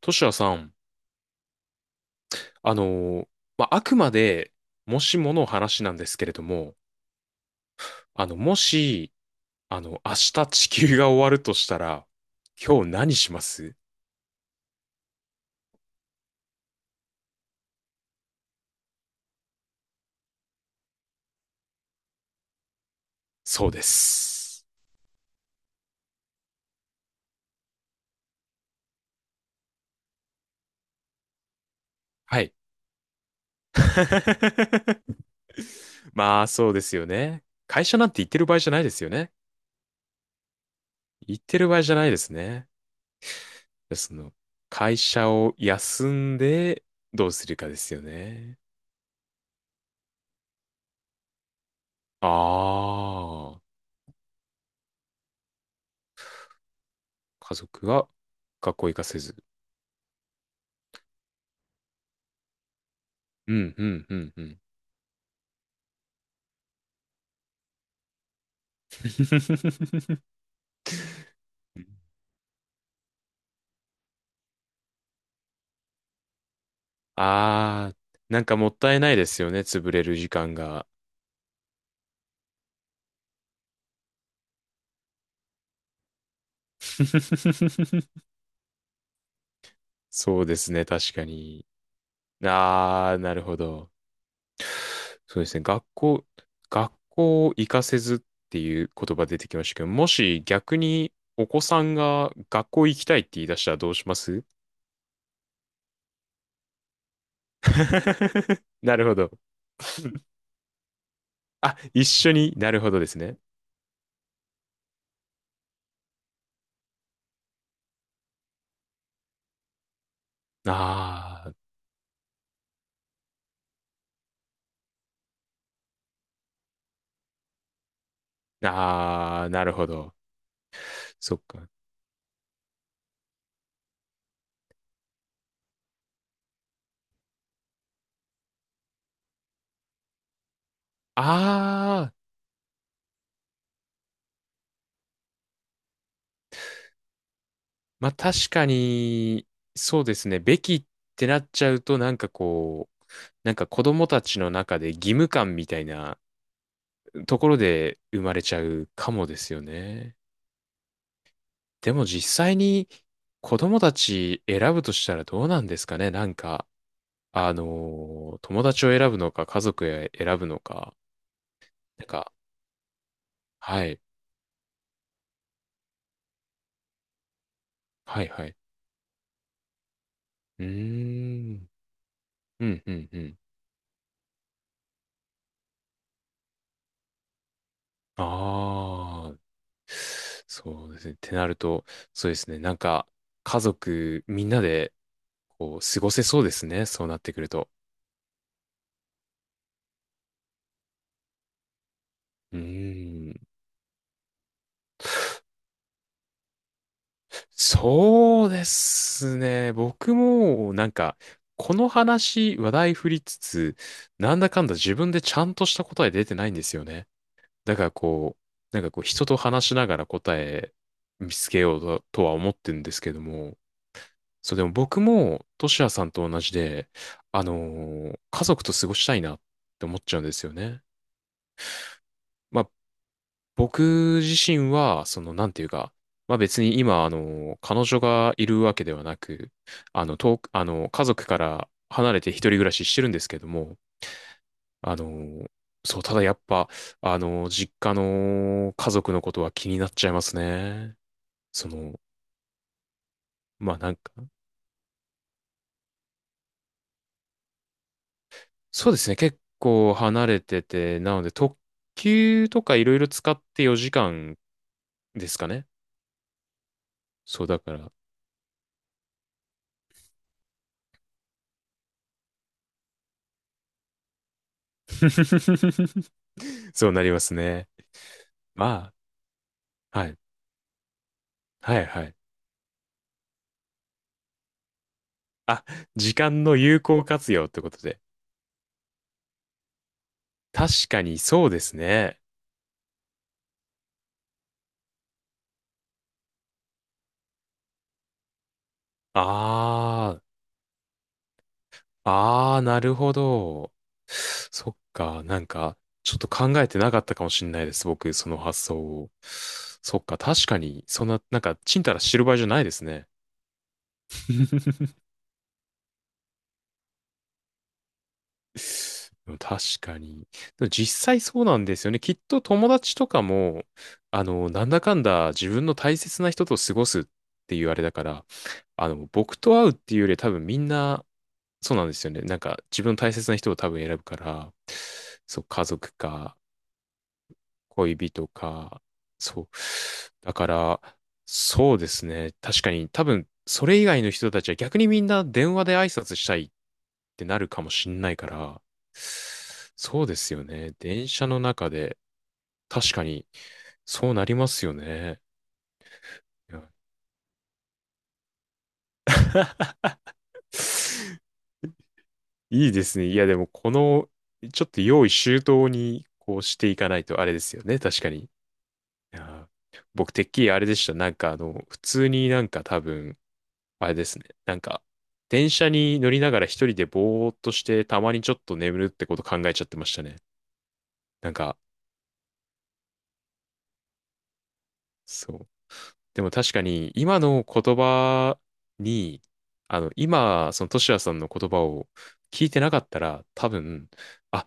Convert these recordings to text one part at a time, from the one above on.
トシヤさん、あのーまあ、あくまで、もしもの話なんですけれども、もし、明日地球が終わるとしたら、今日何します？そうです。はい。まあ、そうですよね。会社なんて言ってる場合じゃないですよね。言ってる場合じゃないですね。その、会社を休んで、どうするかですよね。ああ、家族は学校行かせず。うん、うん、うん、うん。ああ、なんかもったいないですよね、潰れる時間が。そうですね、確かに。ああ、なるほど。そうですね、学校行かせずっていう言葉出てきましたけど、もし逆にお子さんが学校行きたいって言い出したらどうします？ なるほど。あ、一緒に、なるほどですね。ああ、ああ、なるほど。そっか。ああ、まあ確かに、そうですね。べきってなっちゃうと、なんかこう、なんか子供たちの中で義務感みたいなところで生まれちゃうかもですよね。でも実際に子供たち選ぶとしたらどうなんですかね。なんか、あの友達を選ぶのか、家族を選ぶのか。なんか、はい、はい、はい。うーん、うん、うん、うん。ああ。そうですね。ってなると、そうですね。なんか、家族みんなで、こう、過ごせそうですね。そうなってくると。うーん。そうですね。僕も、なんか、この話、話題振りつつ、なんだかんだ自分でちゃんとした答え出てないんですよね。だからこう、なんかこう、人と話しながら答え見つけようとは思ってるんですけども、そう、でも僕も、トシヤさんと同じで、あの家族と過ごしたいなって思っちゃうんですよね。まあ、僕自身は、その、なんていうか、まあ別に今、彼女がいるわけではなく、あの、遠く、家族から離れて一人暮らししてるんですけども、あのーそう、ただやっぱ、実家の家族のことは気になっちゃいますね。その、まあなんか、そうですね。結構離れてて、なので特急とかいろいろ使って4時間ですかね。そうだから。そうなりますね。まあ、はい。はいはい。あ、時間の有効活用ってことで。確かにそうですね。ああ、ああ、なるほど。そっか、なんか、ちょっと考えてなかったかもしれないです。僕、その発想を。そっか、確かに、そんな、なんか、ちんたら知る場合じゃないですね。確かに。でも実際そうなんですよね。きっと友達とかも、あの、なんだかんだ自分の大切な人と過ごすっていうあれだから、あの、僕と会うっていうよりは多分みんな、そうなんですよね。なんか自分の大切な人を多分選ぶから、そう、家族か、恋人か、そう。だから、そうですね。確かに、多分、それ以外の人たちは逆にみんな電話で挨拶したいってなるかもしんないから、そうですよね。電車の中で、確かに、そうなりますよね。いや、いいですね。いや、でも、この、ちょっと用意周到に、こうしていかないとあれですよね。確かに。いやー僕、てっきりあれでした。なんか、あの、普通になんか多分、あれですね。なんか、電車に乗りながら一人でぼーっとして、たまにちょっと眠るってこと考えちゃってましたね。なんか、そう。でも確かに、今の言葉に、あの、今、そのトシヤさんの言葉を聞いてなかったら、多分、あ、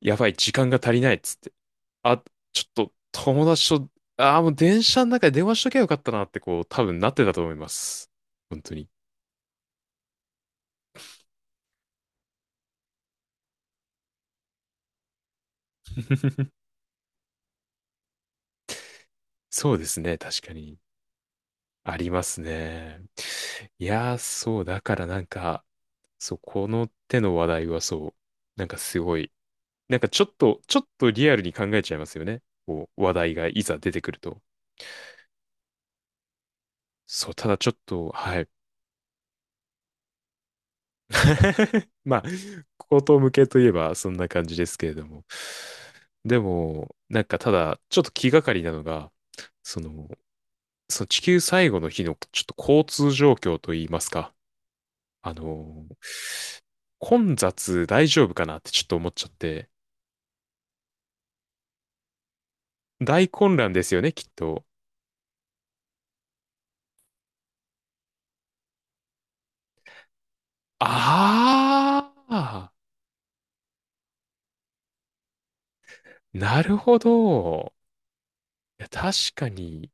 やばい、時間が足りないっつって。あ、ちょっと、友達と、もう電車の中で電話しときゃよかったなって、こう、多分なってたと思います。本当に。そうですね、確かに。ありますね。いやー、そう、だからなんか、そう、この手の話題はそう、なんかすごい、なんかちょっと、ちょっとリアルに考えちゃいますよね。こう、話題がいざ出てくると。そう、ただちょっと、はい。まあ、こと向けといえばそんな感じですけれども。でも、なんかただ、ちょっと気がかりなのが、その、その地球最後の日のちょっと交通状況といいますか。あのー混雑大丈夫かなってちょっと思っちゃって、大混乱ですよね、きっと。ああ、なるほど。いや、確かに、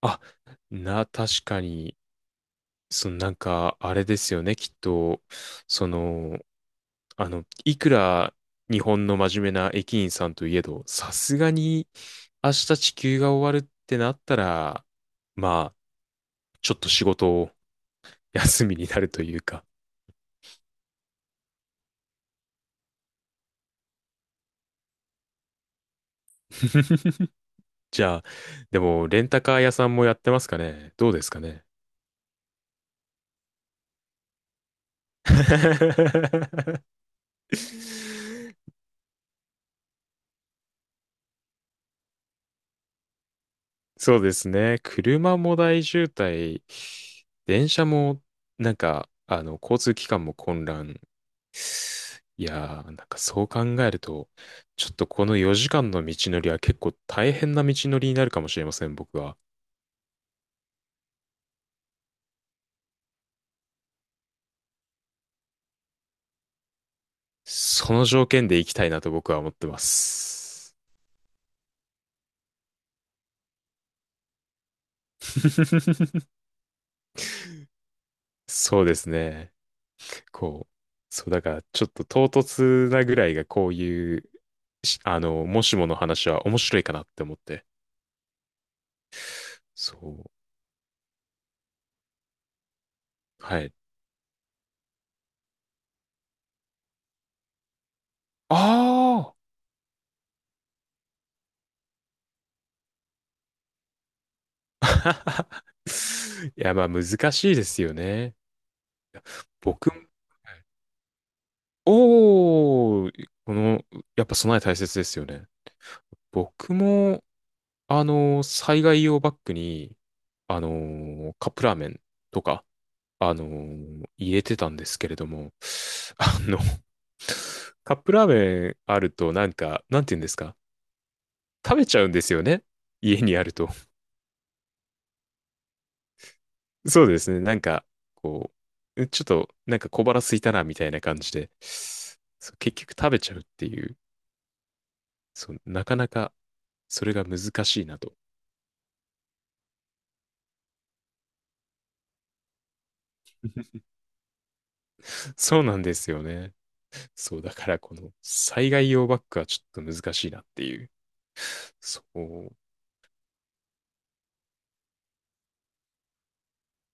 あ、確かに、そのなんか、あれですよね、きっと、その、あの、いくら日本の真面目な駅員さんといえど、さすがに明日地球が終わるってなったら、まあ、ちょっと仕事を休みになるというか。 じゃあ、でも、レンタカー屋さんもやってますかね？どうですかね？ そうですね。車も大渋滞、電車も、なんか、あの、交通機関も混乱。いやー、なんかそう考えると、ちょっとこの4時間の道のりは結構大変な道のりになるかもしれません、僕は。その条件で行きたいなと僕は思ってます。そうですね。こう、そう、だからちょっと唐突なぐらいがこういう、しあの、もしもの話は面白いかなって思って。そう。はい。ああ。 いや、まあ難しいですよね。僕、もおー、この、やっぱ備え大切ですよね。僕も、あの、災害用バッグに、あの、カップラーメンとか、あの、入れてたんですけれども、あの、カップラーメンあるとなんか、なんて言うんですか、食べちゃうんですよね。家にあると。そうですね。なんか、こう、ちょっとなんか小腹空いたなみたいな感じで、そう結局食べちゃうっていう、そう、なかなかそれが難しいなと。そうなんですよね。そう、だからこの災害用バッグはちょっと難しいなっていう。そう。